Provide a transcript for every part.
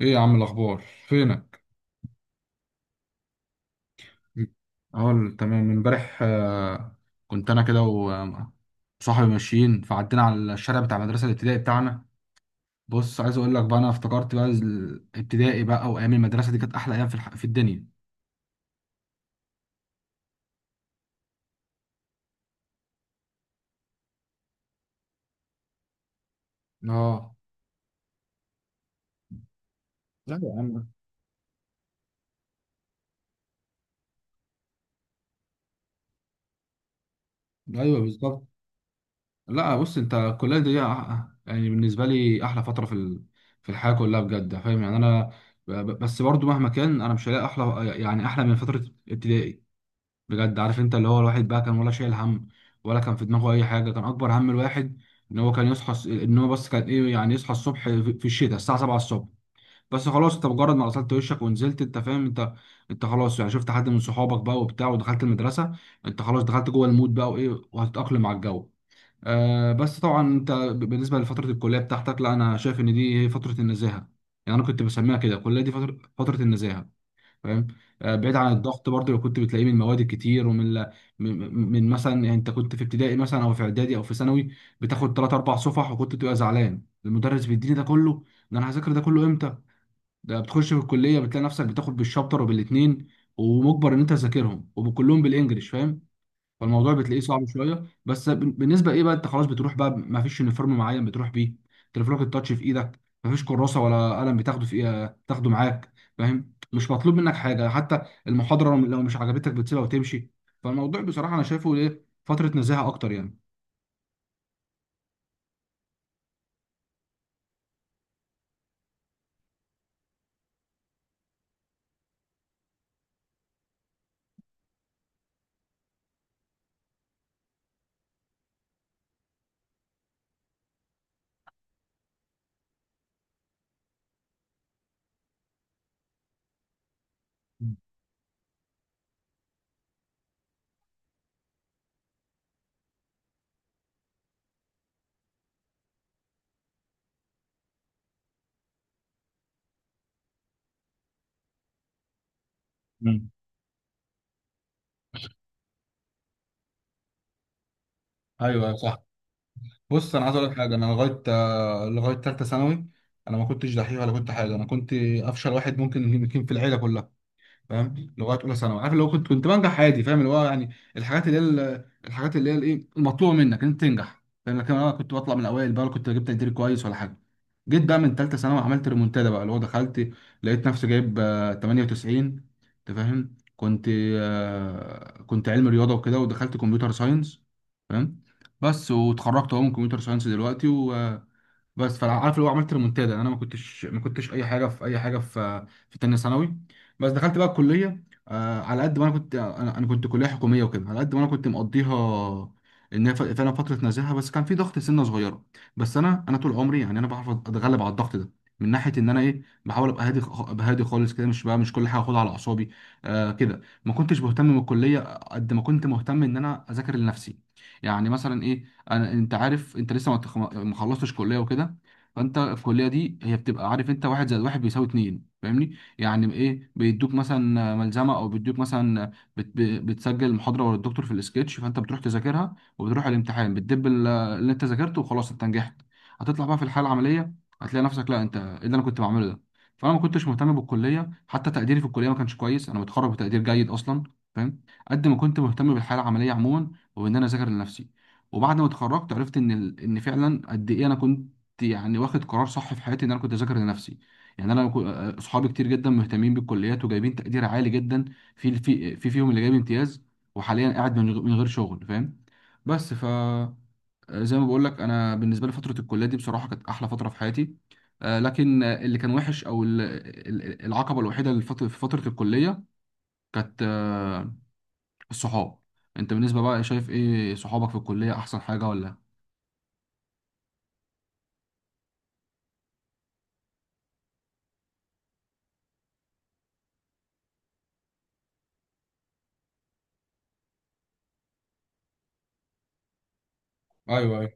ايه يا عم الاخبار؟ فينك؟ اه تمام. من امبارح كنت انا كده وصاحبي ماشيين، فعدينا على الشارع بتاع المدرسه الابتدائي بتاعنا. بص، عايز اقول لك بقى، انا افتكرت بقى الابتدائي بقى وايام المدرسه دي كانت احلى ايام في الدنيا. اه لا يا عم، ايوه بالظبط. لا بص، انت الكليه دي يعني بالنسبه لي احلى فتره في الحياه كلها بجد، فاهم يعني؟ ب- بس برضو مهما كان انا مش هلاقي احلى، يعني احلى من فتره ابتدائي بجد. عارف، انت اللي هو الواحد بقى كان ولا شايل هم ولا كان في دماغه اي حاجه. كان اكبر هم الواحد ان هو ان هو بس كان ايه يعني، يصحى الصبح في الشتاء الساعه 7 الصبح. بس خلاص، انت مجرد ما غسلت وشك ونزلت، انت فاهم؟ انت انت خلاص يعني شفت حد من صحابك بقى وبتاع، ودخلت المدرسه، انت خلاص دخلت جوه المود بقى وايه، وهتتاقلم على الجو. آه بس طبعا بالنسبه لفتره الكليه بتاعتك، لا انا شايف ان دي هي فتره النزاهه. يعني انا كنت بسميها كده الكليه دي، فتره النزاهه، فاهم؟ بعيد عن الضغط برضه اللي كنت بتلاقيه من المواد الكتير من مثلا، يعني انت كنت في ابتدائي مثلا او في اعدادي او في ثانوي، بتاخد ثلاث اربع صفح، وكنت بتبقى زعلان، المدرس بيديني ده كله، ده انا هذاكر ده كله امتى؟ ده بتخش في الكليه بتلاقي نفسك بتاخد بالشابتر وبالاثنين، ومجبر ان انت تذاكرهم، وكلهم بالانجلش، فاهم؟ فالموضوع بتلاقيه صعب شويه. بالنسبه ايه بقى، انت خلاص بتروح بقى، ما فيش يونيفورم معين بتروح بيه، تليفونك التاتش في ايدك، ما فيش كراسه ولا قلم بتاخده، في ايه تاخده معاك، فاهم؟ مش مطلوب منك حاجه حتى. المحاضره لو مش عجبتك بتسيبها وتمشي. فالموضوع بصراحه انا شايفه ايه، فتره نزاهه اكتر يعني. مم. ايوه، صح. بص انا عايز اقول لك حاجه، انا لغايه لغايه ثالثه ثانوي انا ما كنتش دحيح ولا كنت حاجه. انا كنت افشل واحد ممكن، يمكن في العيله كلها، فاهم؟ لغايه اولى ثانوي، عارف اللي هو كنت بنجح عادي، فاهم؟ اللي هو يعني الحاجات اللي هي الحاجات اللي هي الايه، المطلوبه منك ان انت تنجح، فاهم؟ لكن انا كنت بطلع من الاوائل بقى، ولا كنت جبت تقدير كويس ولا حاجه. جيت بقى من ثالثه ثانوي عملت ريمونتادا بقى، اللي هو دخلت، لقيت نفسي جايب 98. انت فاهم؟ كنت كنت علم رياضه وكده، ودخلت كمبيوتر ساينس، فاهم؟ بس، واتخرجت اهو من كمبيوتر ساينس دلوقتي. بس، فعارف اللي هو عملت ريمونتادا. يعني انا ما كنتش اي حاجه في اي حاجه في تانية ثانوي، بس دخلت بقى الكليه. آه، على قد ما انا كنت، انا كنت كليه حكوميه وكده، على قد ما انا كنت مقضيها، ان هي فعلا فتره نزاهه، بس كان في ضغط سنه صغيره. بس انا طول عمري، يعني انا بعرف اتغلب على الضغط ده، من ناحيه ان انا ايه، بحاول ابقى هادي خالص كده، مش بقى مش كل حاجه اخدها على اعصابي. آه كده، ما كنتش مهتم بالكليه قد ما كنت مهتم ان انا اذاكر لنفسي. يعني مثلا ايه، انا انت عارف انت لسه ما خلصتش كليه وكده، فانت في الكليه دي هي بتبقى، عارف انت، واحد زائد واحد بيساوي اتنين، فاهمني؟ يعني ايه، بيدوك مثلا ملزمه، او بيدوك مثلا بتسجل المحاضره ورا الدكتور في السكتش، فانت بتروح تذاكرها وبتروح الامتحان بتدب اللي انت ذاكرته، وخلاص انت نجحت. هتطلع بقى في الحاله العمليه هتلاقي نفسك، لا انت ايه اللي انا كنت بعمله ده؟ فانا ما كنتش مهتم بالكليه، حتى تقديري في الكليه ما كانش كويس، انا متخرج بتقدير جيد اصلا، فاهم؟ قد ما كنت مهتم بالحاله العمليه عموما، وان انا اذاكر لنفسي. وبعد ما اتخرجت عرفت ان ان فعلا قد ايه انا كنت يعني واخد قرار صح في حياتي، ان انا كنت اذاكر لنفسي. يعني انا كو- اصحابي كتير جدا مهتمين بالكليات وجايبين تقدير عالي جدا، في في فيهم اللي جايب امتياز، وحاليا قاعد من غير شغل، فاهم؟ بس ف زي ما بقول لك، انا بالنسبه لي فتره الكليه دي بصراحه كانت احلى فتره في حياتي. لكن اللي كان وحش العقبه الوحيده في فتره الكليه كانت الصحاب. انت بالنسبه بقى شايف ايه، صحابك في الكليه احسن حاجه ولا؟ ايوه،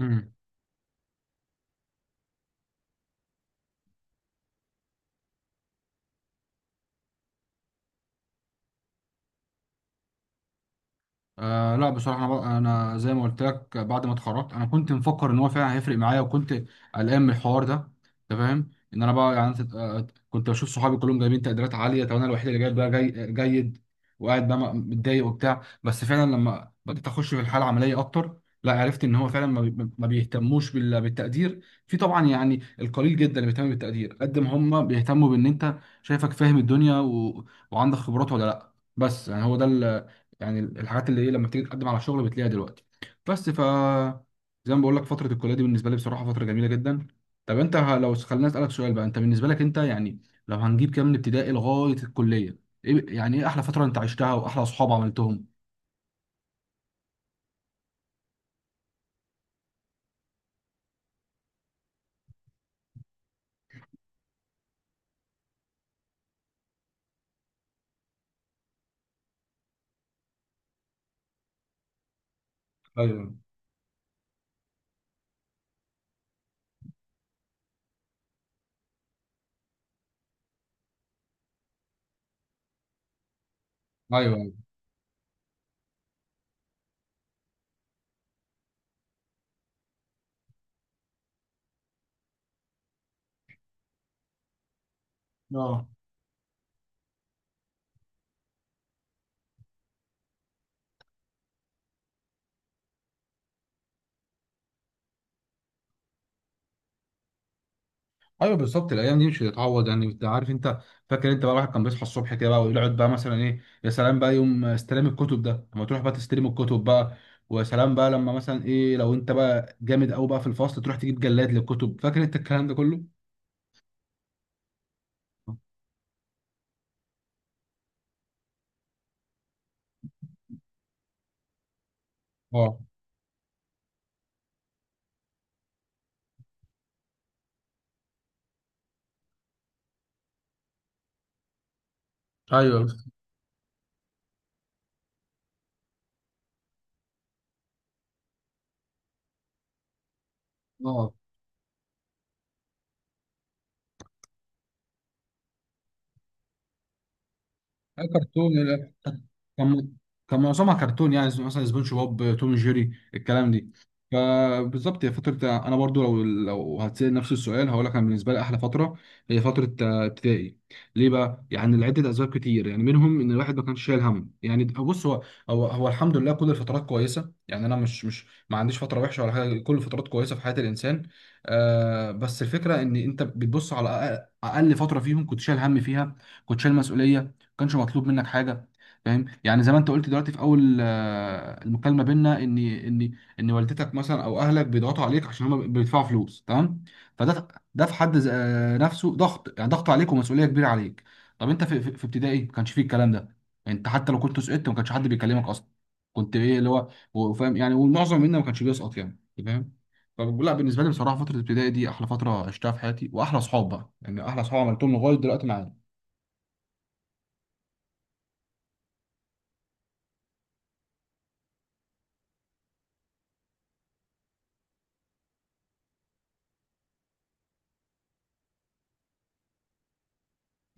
ايوه آه لا بصراحة، أنا زي ما قلت لك، بعد ما اتخرجت أنا كنت مفكر إن هو فعلا هيفرق معايا، وكنت قلقان من الحوار ده. أنت فاهم؟ إن أنا بقى، يعني كنت بشوف صحابي كلهم جايبين تقديرات عالية، طب أنا الوحيد اللي جايب بقى جيد، وقاعد بقى متضايق وبتاع. بس فعلا لما بدأت أخش في الحالة العملية أكتر، لا عرفت إن هو فعلا ما بيهتموش بالتقدير. في طبعا يعني القليل جدا اللي بيهتم بالتقدير، قد ما هم بيهتموا بإن أنت شايفك فاهم الدنيا وعندك خبرات ولا لأ. بس يعني هو ده، يعني الحاجات اللي ايه لما بتيجي تقدم على شغل بتلاقيها دلوقتي. بس ف زي ما بقول لك، فتره الكليه دي بالنسبه لي بصراحه فتره جميله جدا. طب انت لو خلينا اسالك سؤال بقى، انت بالنسبه لك انت، يعني لو هنجيب كام من ابتدائي لغايه الكليه، ايه يعني، ايه احلى فتره انت عشتها واحلى اصحاب عملتهم؟ ايوه، ايوه اه، ايوه بالظبط الايام دي مش هتتعوض، يعني انت عارف انت. فاكر انت بقى، الواحد كان بيصحى الصبح كده بقى ويقعد بقى مثلا ايه، يا سلام بقى يوم استلام الكتب ده، لما تروح بقى تستلم الكتب بقى، ويا سلام بقى لما مثلا ايه، لو انت بقى جامد قوي بقى في الفصل تروح تجيب جلاد للكتب، فاكر انت الكلام ده كله؟ اه، ايوه، اه اي كرتون. كان كان معظمها كرتون، يعني زي مثلا سبونج بوب، توم جيري، الكلام دي. فبالظبط، هي فترة أنا برضو لو هتسأل نفس السؤال هقول لك، أنا بالنسبة لي أحلى فترة هي فترة ابتدائي. ليه بقى؟ يعني لعدة أسباب كتير، يعني منهم إن الواحد ما كانش شايل هم. يعني بص، هو الحمد لله كل الفترات كويسة، يعني أنا مش مش ما عنديش فترة وحشة ولا حاجة، كل الفترات كويسة في حياة الإنسان. آه بس الفكرة إن أنت بتبص على أقل فترة فيهم كنت شايل هم فيها، كنت شايل مسؤولية، ما كانش مطلوب منك حاجة. فاهم؟ يعني زي ما انت قلت دلوقتي في اول المكالمه بينا، ان والدتك مثلا او اهلك بيضغطوا عليك عشان هم بيدفعوا فلوس، تمام؟ فده، ده في حد نفسه ضغط، يعني ضغط عليك ومسؤوليه كبيره عليك. طب انت في ابتدائي ما كانش فيه الكلام ده، انت حتى لو كنت سقطت ما كانش حد بيكلمك اصلا. كنت ايه اللي هو هو، فاهم يعني؟ والمعظم منا ما كانش بيسقط، يعني انت فاهم. فلا بالنسبه لي بصراحه فتره الابتدائي دي احلى فتره عشتها في حياتي، واحلى اصحاب بقى، يعني احلى اصحاب عملتهم لغايه دلوقتي معايا.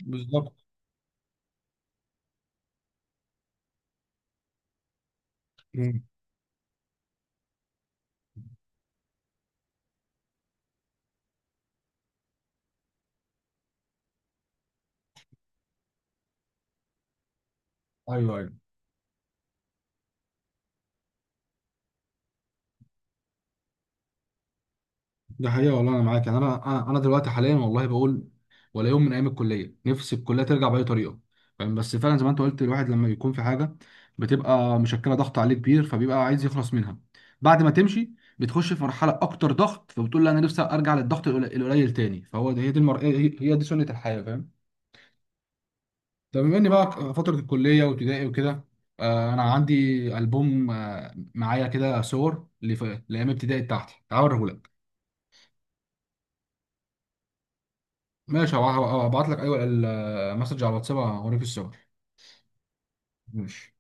بالظبط. مم. ايوه، ده حقيقة والله، أنا معاك يعني. أنا دلوقتي حاليا والله بقول، ولا يوم من أيام الكلية نفسي الكلية ترجع بأي طريقة، فاهم؟ بس فعلا زي ما أنت قلت، الواحد لما بيكون في حاجة بتبقى مشكلة ضغط عليه كبير، فبيبقى عايز يخلص منها. بعد ما تمشي بتخش في مرحلة أكتر ضغط، فبتقول لا أنا نفسي أرجع للضغط القليل تاني. فهو ده، هي دي هي دي سنة الحياة، فاهم؟ طب بما إني بقى فترة الكلية وابتدائي وكده، أنا عندي ألبوم معايا كده صور لأيام ابتدائي بتاعتي، تعال أوريهولك. ماشي، هبعت لك ايوه المسج على الواتساب اوريك الصور. ماشي.